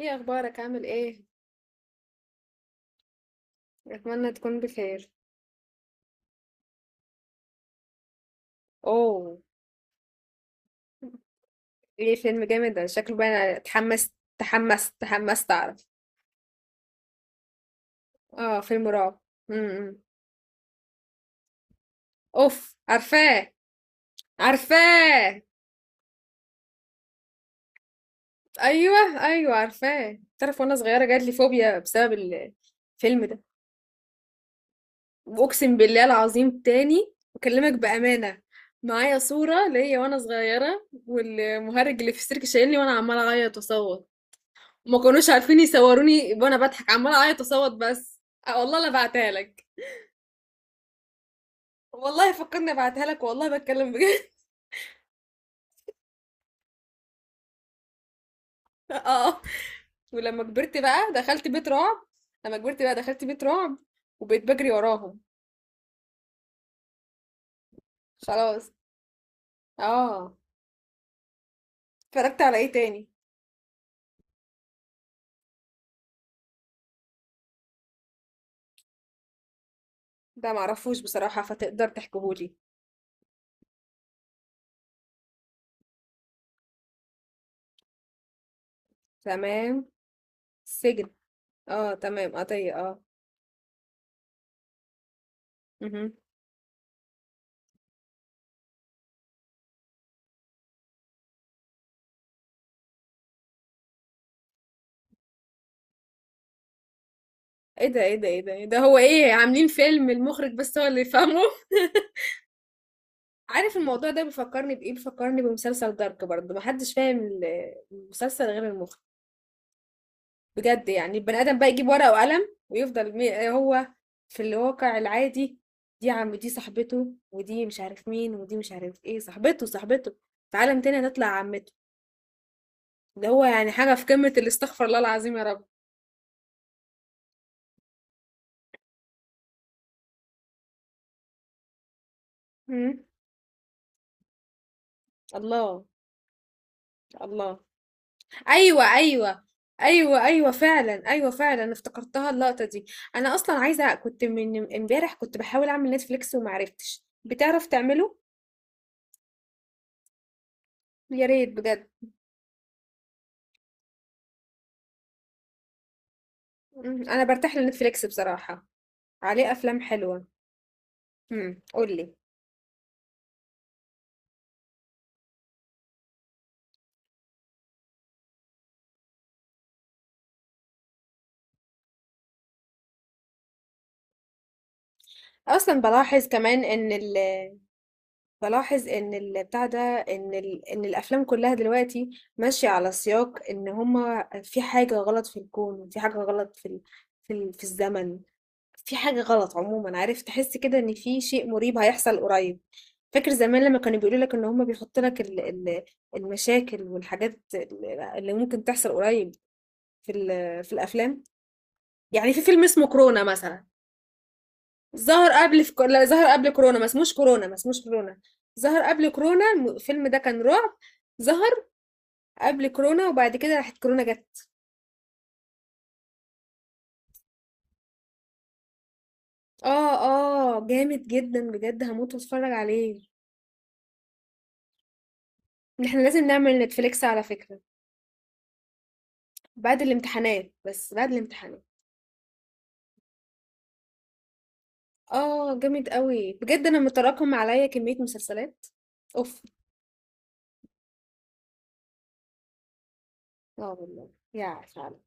ايه اخبارك؟ عامل ايه؟ اتمنى تكون بخير. اوه. ايه؟ فيلم جامد ده شكله بقى. أنا اتحمست تحمست تحمست اعرف. اه، فيلم رعب. امم اوف، عارفاه، عارفاه. ايوه، ايوه، عارفاه. تعرف، وانا صغيره جات لي فوبيا بسبب الفيلم ده. واقسم بالله العظيم، تاني بكلمك بامانه. معايا صوره ليا وانا صغيره والمهرج اللي في السيرك شايلني وانا عماله اعيط واصوت. ما كانوش عارفين يصوروني وانا بضحك، عماله اعيط اصوت بس. أه والله لا بعتها لك. والله فكرني ابعتها لك، والله بتكلم بجد. اه. ولما كبرت بقى دخلت بيت رعب. لما كبرت بقى دخلت بيت رعب. وبقيت بجري وراهم. خلاص. اه. اتفرجت على ايه تاني؟ ده معرفوش بصراحة، فتقدر تحكيهولي؟ تمام. سجن. اه تمام، قضية، اه. مهم. ايه ده؟ ايه ده؟ ايه ده؟ إيه ده؟ هو ايه عاملين فيلم المخرج بس هو اللي يفهمه! عارف الموضوع ده بيفكرني بإيه؟ بيفكرني بمسلسل دارك، برضه محدش فاهم المسلسل غير المخرج. بجد يعني البني آدم بقى يجيب ورقة وقلم ويفضل هو في الواقع العادي. دي عم، دي صاحبته، ودي مش عارف مين، ودي مش عارف ايه صاحبته صاحبته. في عالم تاني هتطلع عمته. ده هو يعني حاجة في قمة الاستغفر الله العظيم، يا رب. مم. الله. الله. ايوه، ايوه، ايوه، ايوه فعلا، ايوه فعلا، انا افتكرتها اللقطه دي. انا اصلا عايزه، كنت من امبارح كنت بحاول اعمل نتفليكس وما عرفتش، بتعرف تعمله؟ يا ريت بجد. انا برتاح لنتفليكس بصراحه. عليه افلام حلوه. قولي. اصلا بلاحظ كمان ان بلاحظ ان بتاع ده، ان ان الافلام كلها دلوقتي ماشيه على سياق ان هما في حاجه غلط في الكون، في حاجه غلط في الزمن. في حاجة غلط عموما، عارف تحس كده ان في شيء مريب هيحصل قريب. فاكر زمان لما كانوا بيقولوا لك ان هم بيحطوا لك المشاكل والحاجات اللي ممكن تحصل قريب في الافلام. يعني في فيلم اسمه كورونا مثلا. ظهر قبل لا، ظهر قبل كورونا، ما اسموش كورونا ما اسموش كورونا. ظهر قبل كورونا الفيلم ده كان رعب. ظهر قبل كورونا وبعد كده راحت كورونا جت. اه. اه جامد جدا بجد، هموت واتفرج عليه. احنا لازم نعمل نتفليكس، على فكرة. بعد الامتحانات، بس بعد الامتحانات. اه. جامد قوي بجد، انا متراكم عليا كمية مسلسلات. اوف. اه والله، يا فعلا.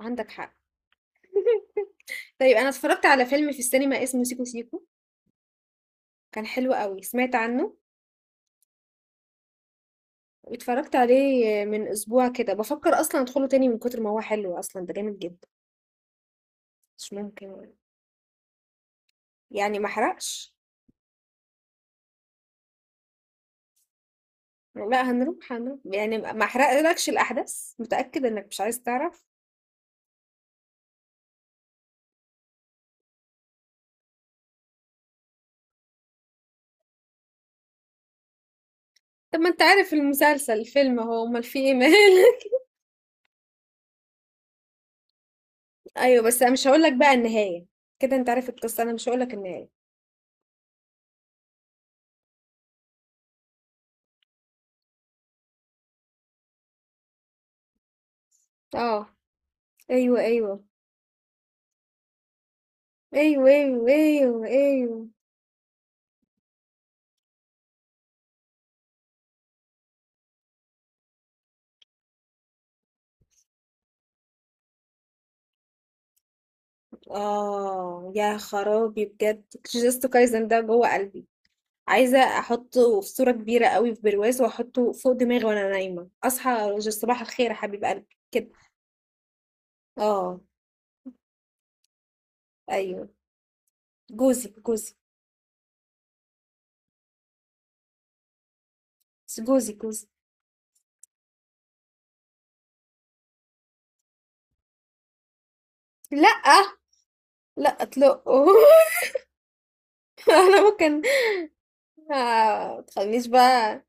عندك حق. طيب، انا اتفرجت على فيلم في السينما اسمه سيكو سيكو. كان حلو قوي، سمعت عنه؟ اتفرجت عليه من اسبوع كده، بفكر اصلا ادخله تاني من كتر ما هو حلو، اصلا ده جامد جدا. مش ممكن. يعني ما احرقش؟ لا هنروح هنروح، يعني ما احرقلكش الاحداث، متأكد انك مش عايز تعرف؟ طب ما انت عارف الفيلم، هو امال في ايه؟ ايوه بس انا مش هقول لك بقى النهايه. كده انت عارف القصه، انا مش هقول لك النهايه. اه. ايوه، ايوه، ايوه، ايوه، ايوه، ايوه. اه يا خرابي بجد. جوجوتسو كايزن ده جوه قلبي. عايزه احطه في صوره كبيره قوي في برواز واحطه فوق دماغي وانا نايمه، اصحى أقول صباح الخير يا حبيب قلبي كده. اه. ايوه. جوزي جوزي. بس جوزي جوزي. لا، لا اطلقه. انا ممكن. آه، ما تخلينيش بقى.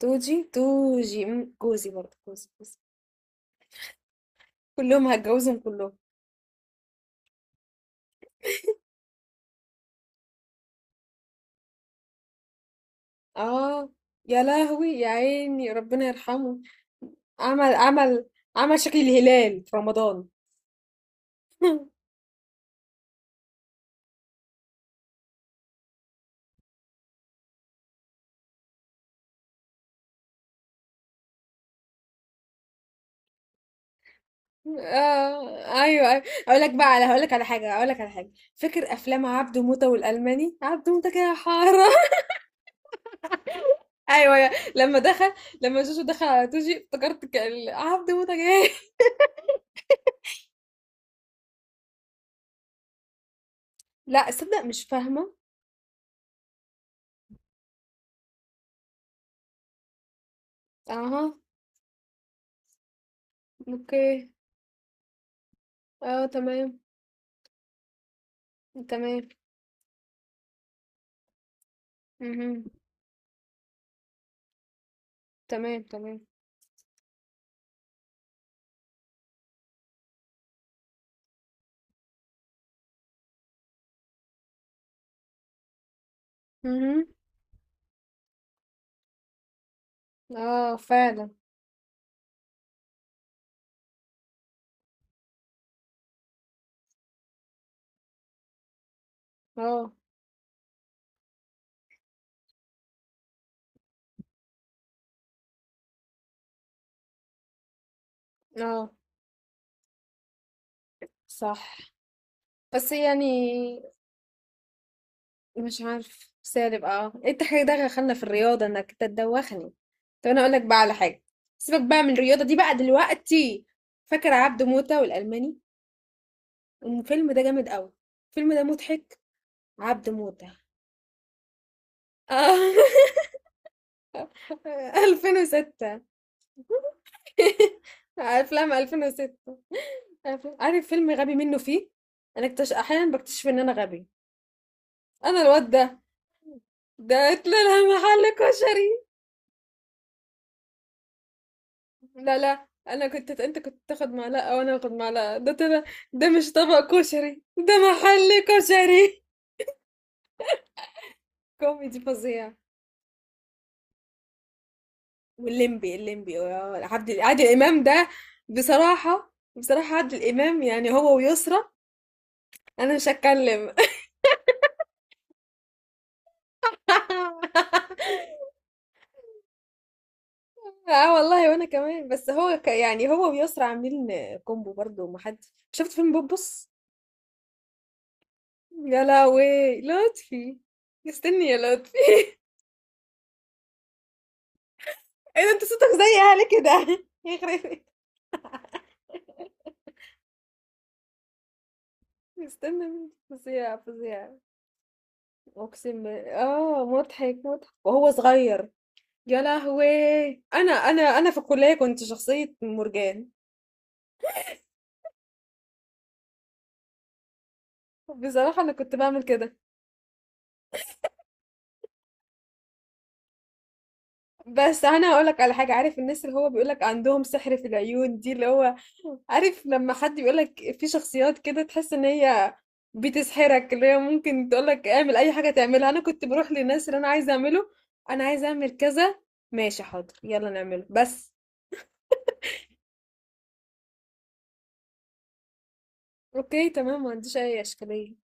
توجي توجي، جوزي برضه جوزي جوزي. كلهم هتجوزهم كلهم. اه، يا لهوي يا عيني ربنا يرحمه. عمل عمل عمل شكل الهلال في رمضان. آه ايوه، ايوه. اقول لك بقى على هقول لك على حاجه، اقول لك على حاجه. فاكر افلام عبده موته والالماني؟ عبده موته كده حاره. ايوه، لما دخل. لما جوجو دخل على توجي افتكرت كان عبده موته جاي. لا صدق مش فاهمه. اها. اوكي. اه تمام. تمام. مهم. تمام، تمام. اهم. آه، فعلًا. آه، آه، صح. بس يعني مش عارفة، سالب آه. أنت حضرتك دخلنا في الرياضة إنك أنت تدوّخني. طب أنا هاقول لك بقى على حاجة، سيبك بقى من الرياضة دي بقى دلوقتي، فاكر عبده موتة والألماني؟ الفيلم ده جامد أوي، الفيلم ده مضحك، عبده موتة. آه، 2006. أفلام 2006. عارف فيلم غبي منه فيه؟ أنا أحيانًا باكتشف إن أنا غبية. انا، الواد ده، ده طلع محل كشري. لا لا، انا كنت انت كنت تاخد معلقه وانا اخد معلقه، ده طلع. ده مش طبق كشري، ده محل كشري. كوميدي فظيع. والليمبي الليمبي آه، عادل امام ده. بصراحه بصراحه، عادل امام يعني هو ويسرى. انا مش هتكلم. اه والله وانا كمان، بس هو يعني هو ويسرى عاملين كومبو برضو، ما حد. شفت فيلم بوبس؟ يا لهوي، لطفي. استني يا لطفي. ايه ده؟ انت صوتك زي اهلي كده يخرب بيت. استنى مين؟ فظيع، فظيع. اقسم بالله، اه مضحك مضحك وهو صغير. يا لهوي، انا في الكليه كنت شخصيه مرجان. بصراحه انا كنت بعمل كده. بس انا اقول لك على حاجه، عارف الناس اللي هو بيقول لك عندهم سحر في العيون دي، اللي هو عارف لما حد بيقولك في شخصيات كده تحس ان هي بتسحرك، اللي هي ممكن تقولك اعمل اي حاجة تعملها. انا كنت بروح للناس اللي انا عايزة اعمله، انا عايزة اعمل كذا. ماشي، حاضر، يلا نعمله بس. اوكي، تمام، ما عنديش اي اشكالية.